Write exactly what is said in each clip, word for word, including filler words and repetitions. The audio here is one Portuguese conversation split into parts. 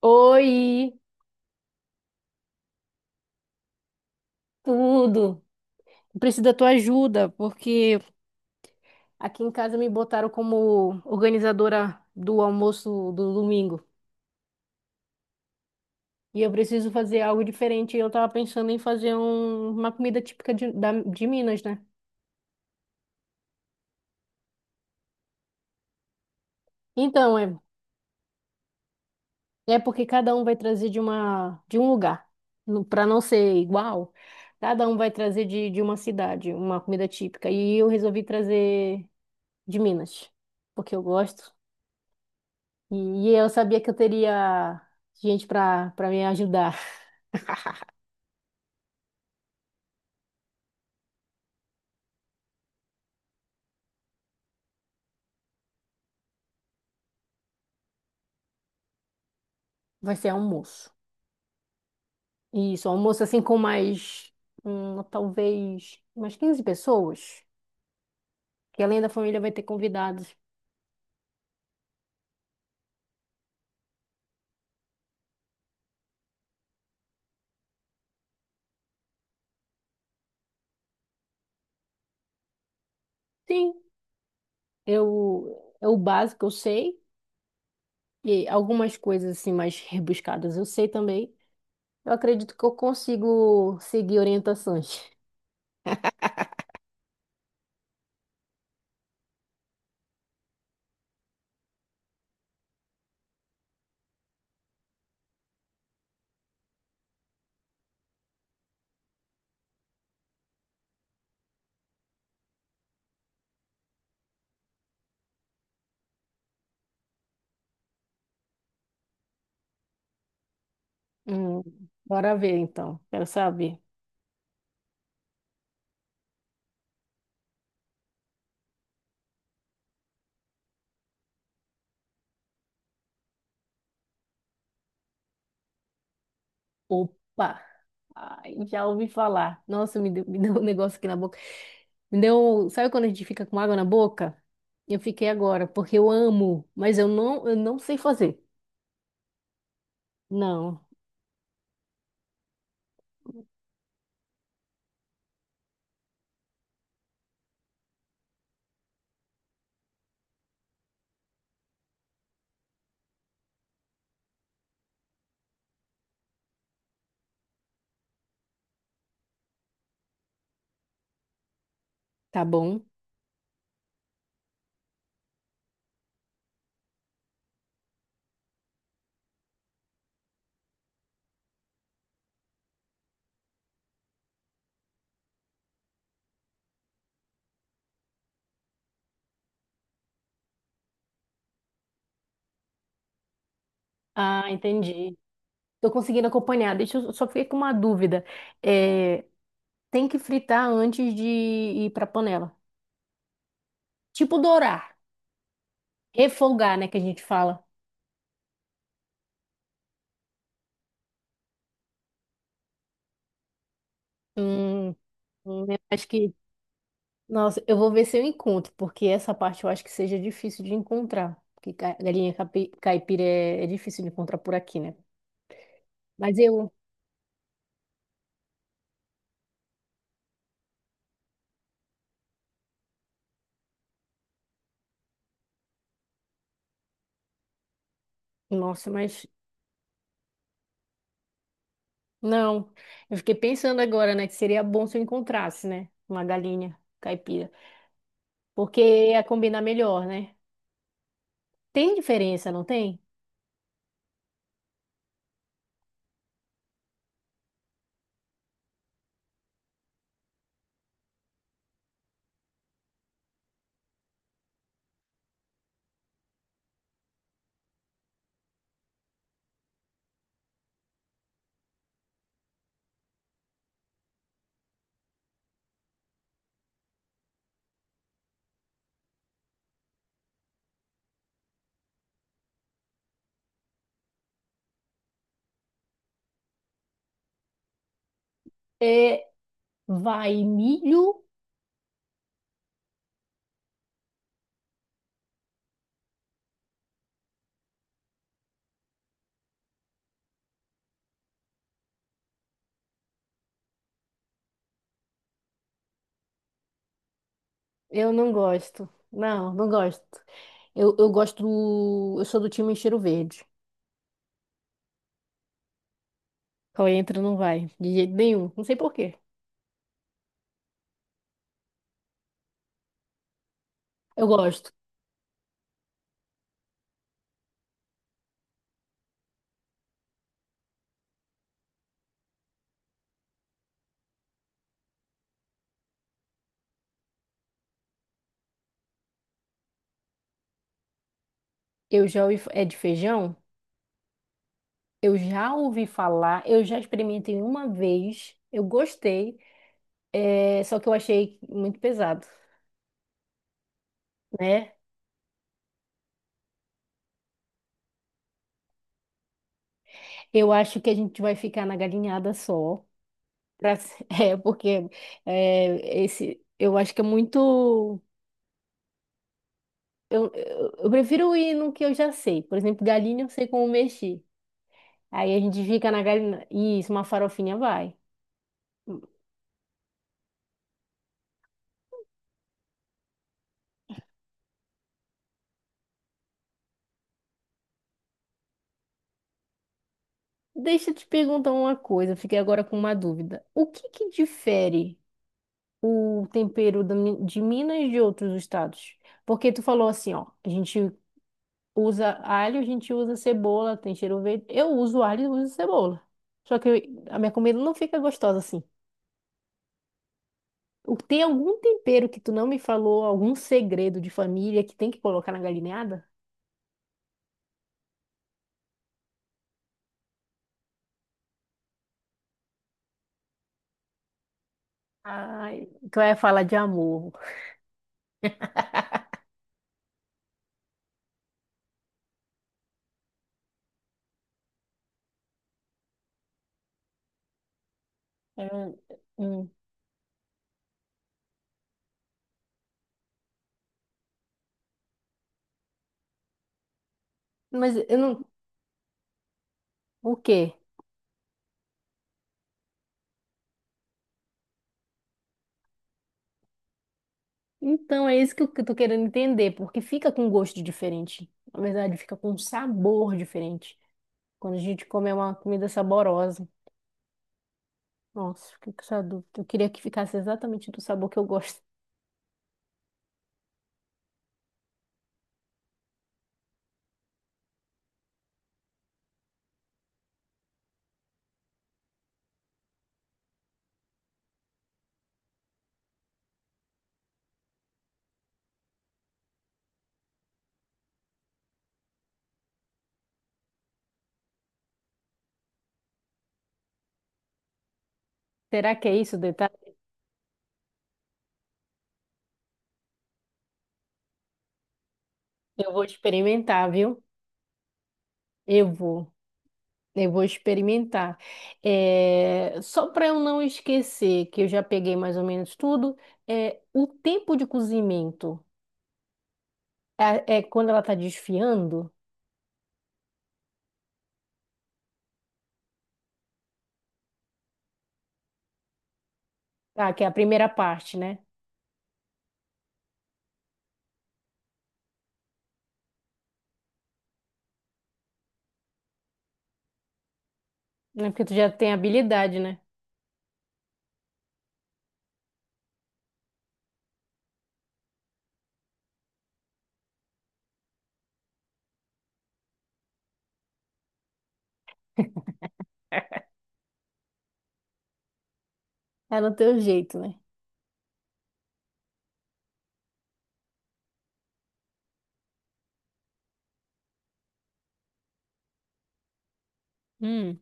Oi, tudo. Eu preciso da tua ajuda, porque aqui em casa me botaram como organizadora do almoço do domingo. E eu preciso fazer algo diferente. Eu tava pensando em fazer um- uma comida típica de, da- de Minas, né? Então, é, é porque cada um vai trazer de uma, de um lugar. No- Pra não ser igual, cada um vai trazer de, de uma cidade, uma comida típica. E eu resolvi trazer de Minas, porque eu gosto. E, e eu sabia que eu teria gente para para me ajudar. Vai ser almoço. Isso, almoço assim com mais, hum, talvez, umas quinze pessoas. Que além da família vai ter convidados. Sim, eu, é o básico, eu sei. E algumas coisas assim mais rebuscadas eu sei também. Eu acredito que eu consigo seguir orientações. Hum, bora ver então. Quero saber. Opa! Ai, já ouvi falar. Nossa, me deu, me deu um negócio aqui na boca. Me deu. um, Sabe quando a gente fica com água na boca? Eu fiquei agora, porque eu amo, mas eu não, eu não sei fazer. Não, tá bom. Ah, entendi. Tô conseguindo acompanhar. Deixa eu, só fiquei com uma dúvida. É, tem que fritar antes de ir pra panela. Tipo dourar, refogar, né, que a gente fala. Hum. hum, eu acho que, nossa, eu vou ver se eu encontro, porque essa parte eu acho que seja difícil de encontrar. Porque ca- galinha capi- caipira é, é difícil de encontrar por aqui, né? Mas eu, nossa, mas não. Eu fiquei pensando agora, né, que seria bom se eu encontrasse, né, uma galinha caipira, porque ia combinar melhor, né? Tem diferença, não tem? É, vai milho, eu não gosto. Não, não gosto. Eu, eu gosto do, eu sou do time Cheiro Verde. Qual entra não vai, de jeito nenhum. Não sei por quê. Eu gosto. Eu já ouvi, é de feijão? Eu já ouvi falar, eu já experimentei uma vez, eu gostei, é, só que eu achei muito pesado, né? Eu acho que a gente vai ficar na galinhada só, pra- é, porque é, esse, eu acho que é muito. Eu, eu, eu prefiro ir no que eu já sei. Por exemplo, galinha eu sei como mexer. Aí a gente fica na galinha. Isso, uma farofinha vai. Deixa eu te perguntar uma coisa, eu fiquei agora com uma dúvida. O que que difere? O tempero da Mi- de Minas e de outros estados? Porque tu falou assim, ó, a gente usa alho, a gente usa cebola, tem cheiro verde. Eu uso alho e uso cebola. Só que a minha comida não fica gostosa assim. O- Tem algum tempero que tu não me falou, algum segredo de família que tem que colocar na galinhada? Ai, tu vai falar de amor. É, hum. Mas eu não. O quê? Então é isso que eu que eu tô querendo entender, porque fica com gosto diferente. Na verdade, fica com um sabor diferente. Quando a gente come é uma comida saborosa. Nossa, fiquei com essa dúvida. Eu queria que ficasse exatamente do sabor que eu gosto. Será que é isso o detalhe? Eu vou experimentar, viu? Eu vou. Eu vou experimentar. É, só para eu não esquecer, que eu já peguei mais ou menos tudo, é... o tempo de cozimento é, é quando ela tá desfiando, tá? Que é a primeira parte, né? Não é. Porque tu já tem habilidade, né? É no teu jeito, né? Hum.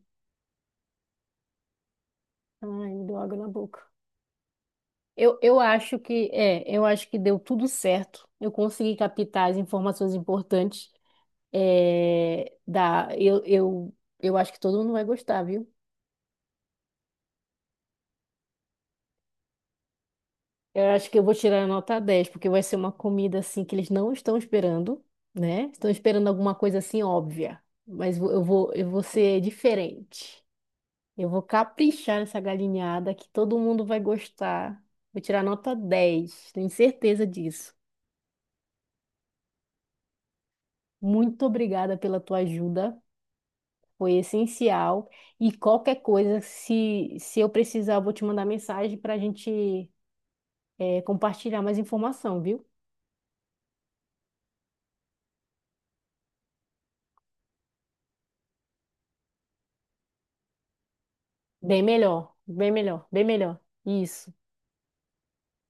Ai, me deu água na boca. Eu, eu acho que é, eu acho que deu tudo certo. Eu consegui captar as informações importantes. É, da, eu, eu, eu acho que todo mundo vai gostar, viu? Eu acho que eu vou tirar a nota dez porque vai ser uma comida assim que eles não estão esperando, né? Estão esperando alguma coisa assim óbvia. Mas vo- eu vou, eu vou ser diferente. Eu vou caprichar nessa galinhada que todo mundo vai gostar. Vou tirar nota dez. Tenho certeza disso. Muito obrigada pela tua ajuda. Foi essencial. E qualquer coisa, se, se eu precisar, eu vou te mandar mensagem para a gente eh, compartilhar mais informação, viu? Bem melhor, bem melhor, bem melhor. Isso.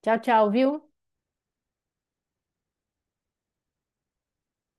Tchau, tchau, viu?